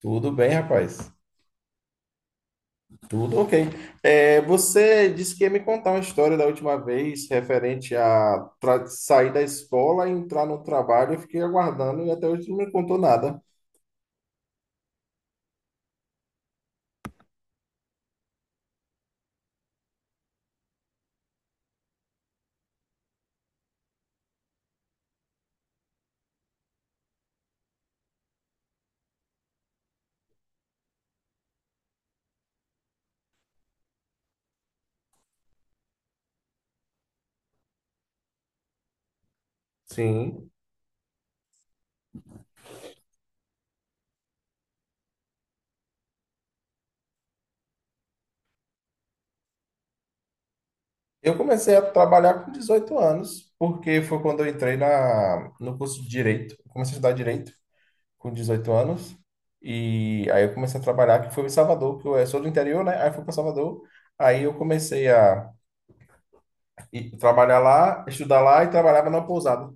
Tudo bem, rapaz. Tudo ok. É, você disse que ia me contar uma história da última vez referente a sair da escola e entrar no trabalho. Eu fiquei aguardando e até hoje não me contou nada. Sim. Eu comecei a trabalhar com 18 anos, porque foi quando eu entrei no curso de Direito. Eu comecei a estudar Direito com 18 anos. E aí eu comecei a trabalhar, que foi em Salvador, que eu sou do interior, né? Aí fui para Salvador. Aí eu comecei a trabalhar lá, estudar lá e trabalhava numa pousada.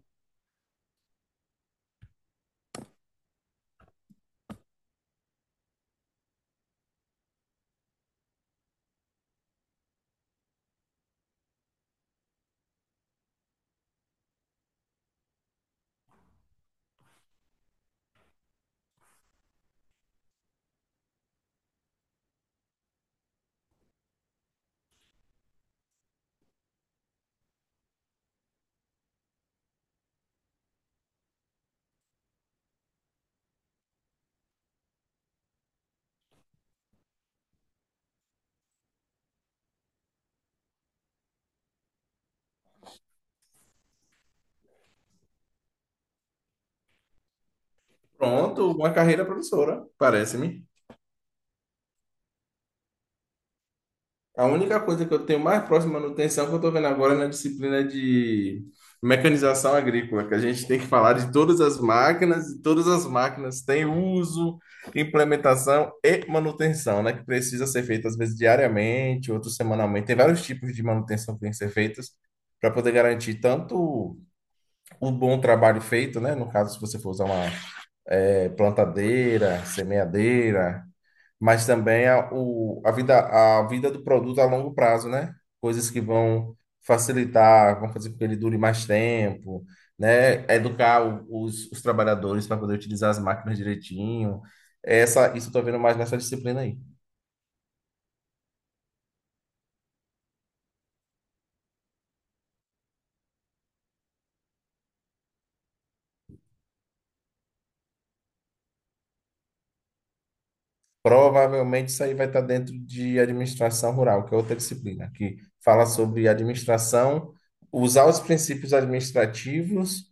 Pronto, uma carreira professora parece-me. A única coisa que eu tenho mais próxima à manutenção que eu estou vendo agora é na disciplina de mecanização agrícola, que a gente tem que falar de todas as máquinas, e todas as máquinas têm uso, implementação e manutenção, né? Que precisa ser feita às vezes diariamente, outros semanalmente. Tem vários tipos de manutenção que tem que ser feitas para poder garantir tanto o bom trabalho feito, né? No caso, se você for usar uma plantadeira, semeadeira, mas também a vida do produto a longo prazo, né? Coisas que vão facilitar, vão fazer com que ele dure mais tempo, né? Educar os trabalhadores para poder utilizar as máquinas direitinho. Isso eu estou vendo mais nessa disciplina aí. Provavelmente isso aí vai estar dentro de administração rural, que é outra disciplina, que fala sobre administração, usar os princípios administrativos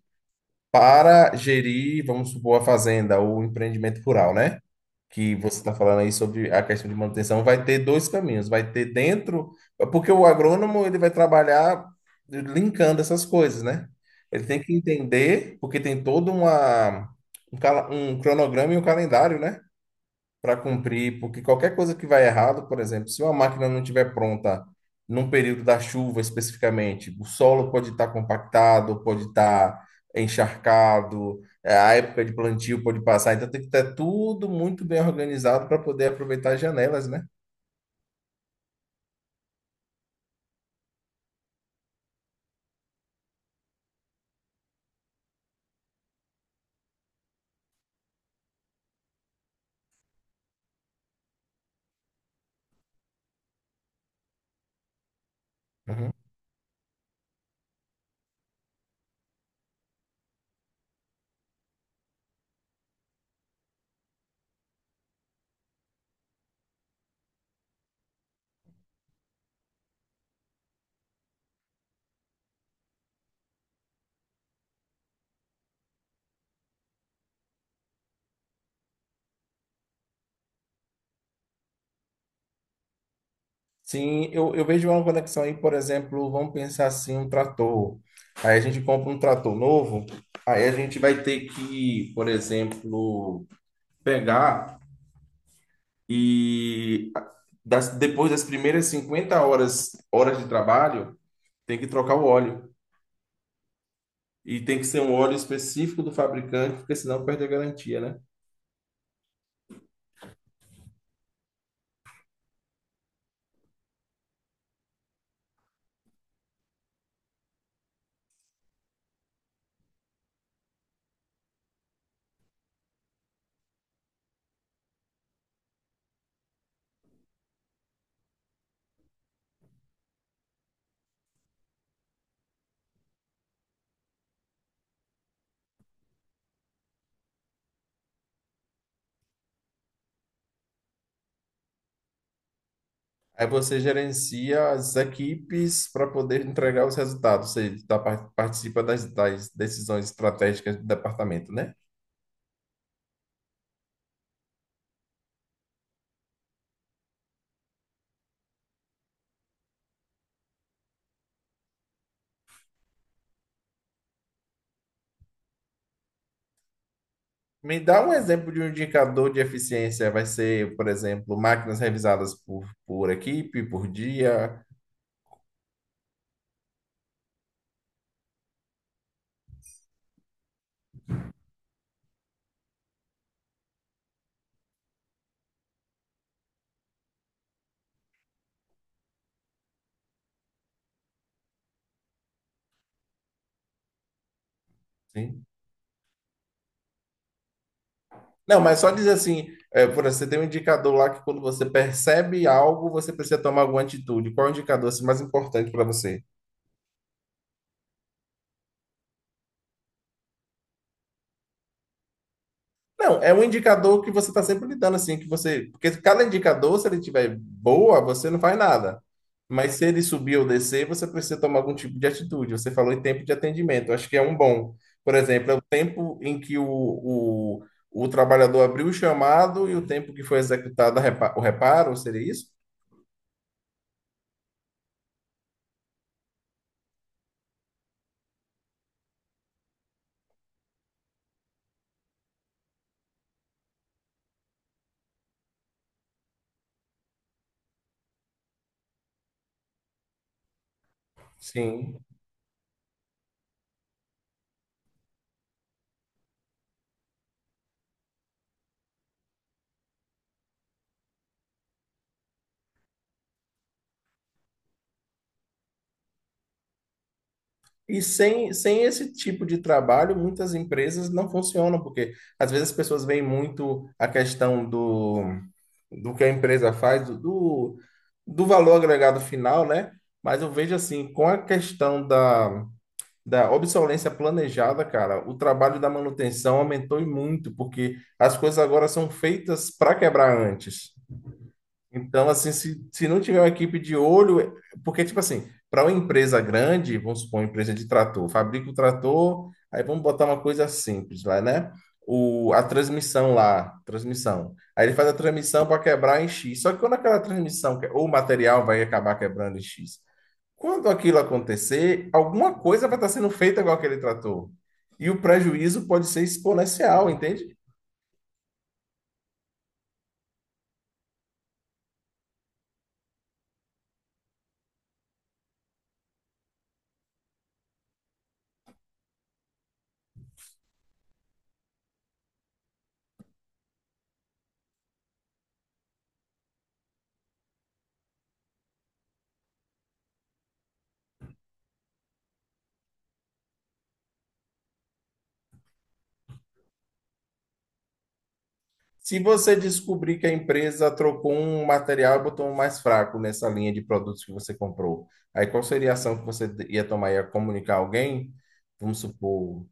para gerir, vamos supor, a fazenda ou o empreendimento rural, né? Que você está falando aí sobre a questão de manutenção, vai ter dois caminhos. Vai ter dentro, porque o agrônomo ele vai trabalhar linkando essas coisas, né? Ele tem que entender, porque tem todo uma, um, cala- um cronograma e um calendário, né? Para cumprir, porque qualquer coisa que vai errado, por exemplo, se uma máquina não estiver pronta num período da chuva especificamente, o solo pode estar compactado, pode estar encharcado, a época de plantio pode passar, então tem que ter tudo muito bem organizado para poder aproveitar as janelas, né? Uhum. Sim, eu vejo uma conexão aí, por exemplo, vamos pensar assim, um trator. Aí a gente compra um trator novo, aí a gente vai ter que, por exemplo, pegar E depois das primeiras 50 horas, horas de trabalho, tem que trocar o óleo. E tem que ser um óleo específico do fabricante, porque senão perde a garantia, né? Aí você gerencia as equipes para poder entregar os resultados, você participa das decisões estratégicas do departamento, né? Me dá um exemplo de um indicador de eficiência. Vai ser, por exemplo, máquinas revisadas por equipe, por dia. Não, mas só dizer assim, é, por exemplo, você tem um indicador lá que quando você percebe algo, você precisa tomar alguma atitude. Qual é o indicador assim, mais importante para você? Não, é um indicador que você está sempre lidando assim, que você, porque cada indicador, se ele tiver boa, você não faz nada. Mas se ele subir ou descer, você precisa tomar algum tipo de atitude. Você falou em tempo de atendimento, eu acho que é um bom. Por exemplo, é o tempo em que o trabalhador abriu o chamado e o tempo que foi executado o reparo, seria isso? Sim. E sem esse tipo de trabalho, muitas empresas não funcionam, porque às vezes as pessoas veem muito a questão do que a empresa faz, do valor agregado final, né? Mas eu vejo assim, com a questão da obsolescência planejada, cara, o trabalho da manutenção aumentou e muito, porque as coisas agora são feitas para quebrar antes. Então, assim, se não tiver uma equipe de olho, é, porque, tipo assim, para uma empresa grande, vamos supor, uma empresa de trator, fabrica o trator, aí vamos botar uma coisa simples lá, né? A transmissão lá, transmissão. Aí ele faz a transmissão para quebrar em X. Só que quando aquela transmissão, ou o material vai acabar quebrando em X. Quando aquilo acontecer, alguma coisa vai estar sendo feita com aquele trator. E o prejuízo pode ser exponencial, entende? Se você descobrir que a empresa trocou um material e botou um mais fraco nessa linha de produtos que você comprou, aí qual seria a ação que você ia tomar? Ia comunicar alguém? Vamos supor.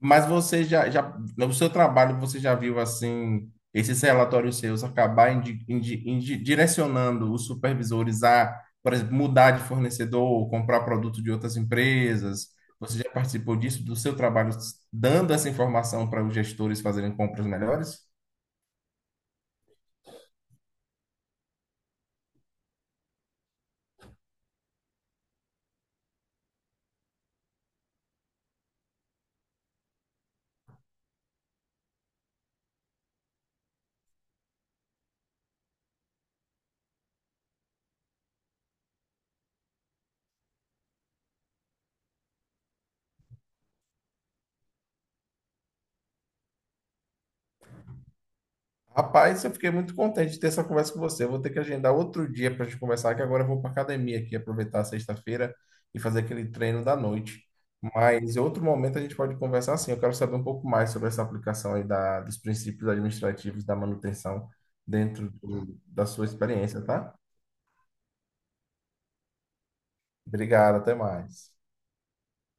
Mas você já no seu trabalho, você já viu assim, esses relatórios seus acabar direcionando os supervisores a, por exemplo, mudar de fornecedor, comprar produto de outras empresas? Você já participou disso, do seu trabalho, dando essa informação para os gestores fazerem compras melhores? Rapaz, eu fiquei muito contente de ter essa conversa com você. Eu vou ter que agendar outro dia para a gente conversar, que agora eu vou para academia aqui, aproveitar a sexta-feira e fazer aquele treino da noite. Mas em outro momento a gente pode conversar assim. Eu quero saber um pouco mais sobre essa aplicação aí dos princípios administrativos da manutenção dentro da sua experiência, tá? Obrigado, até mais.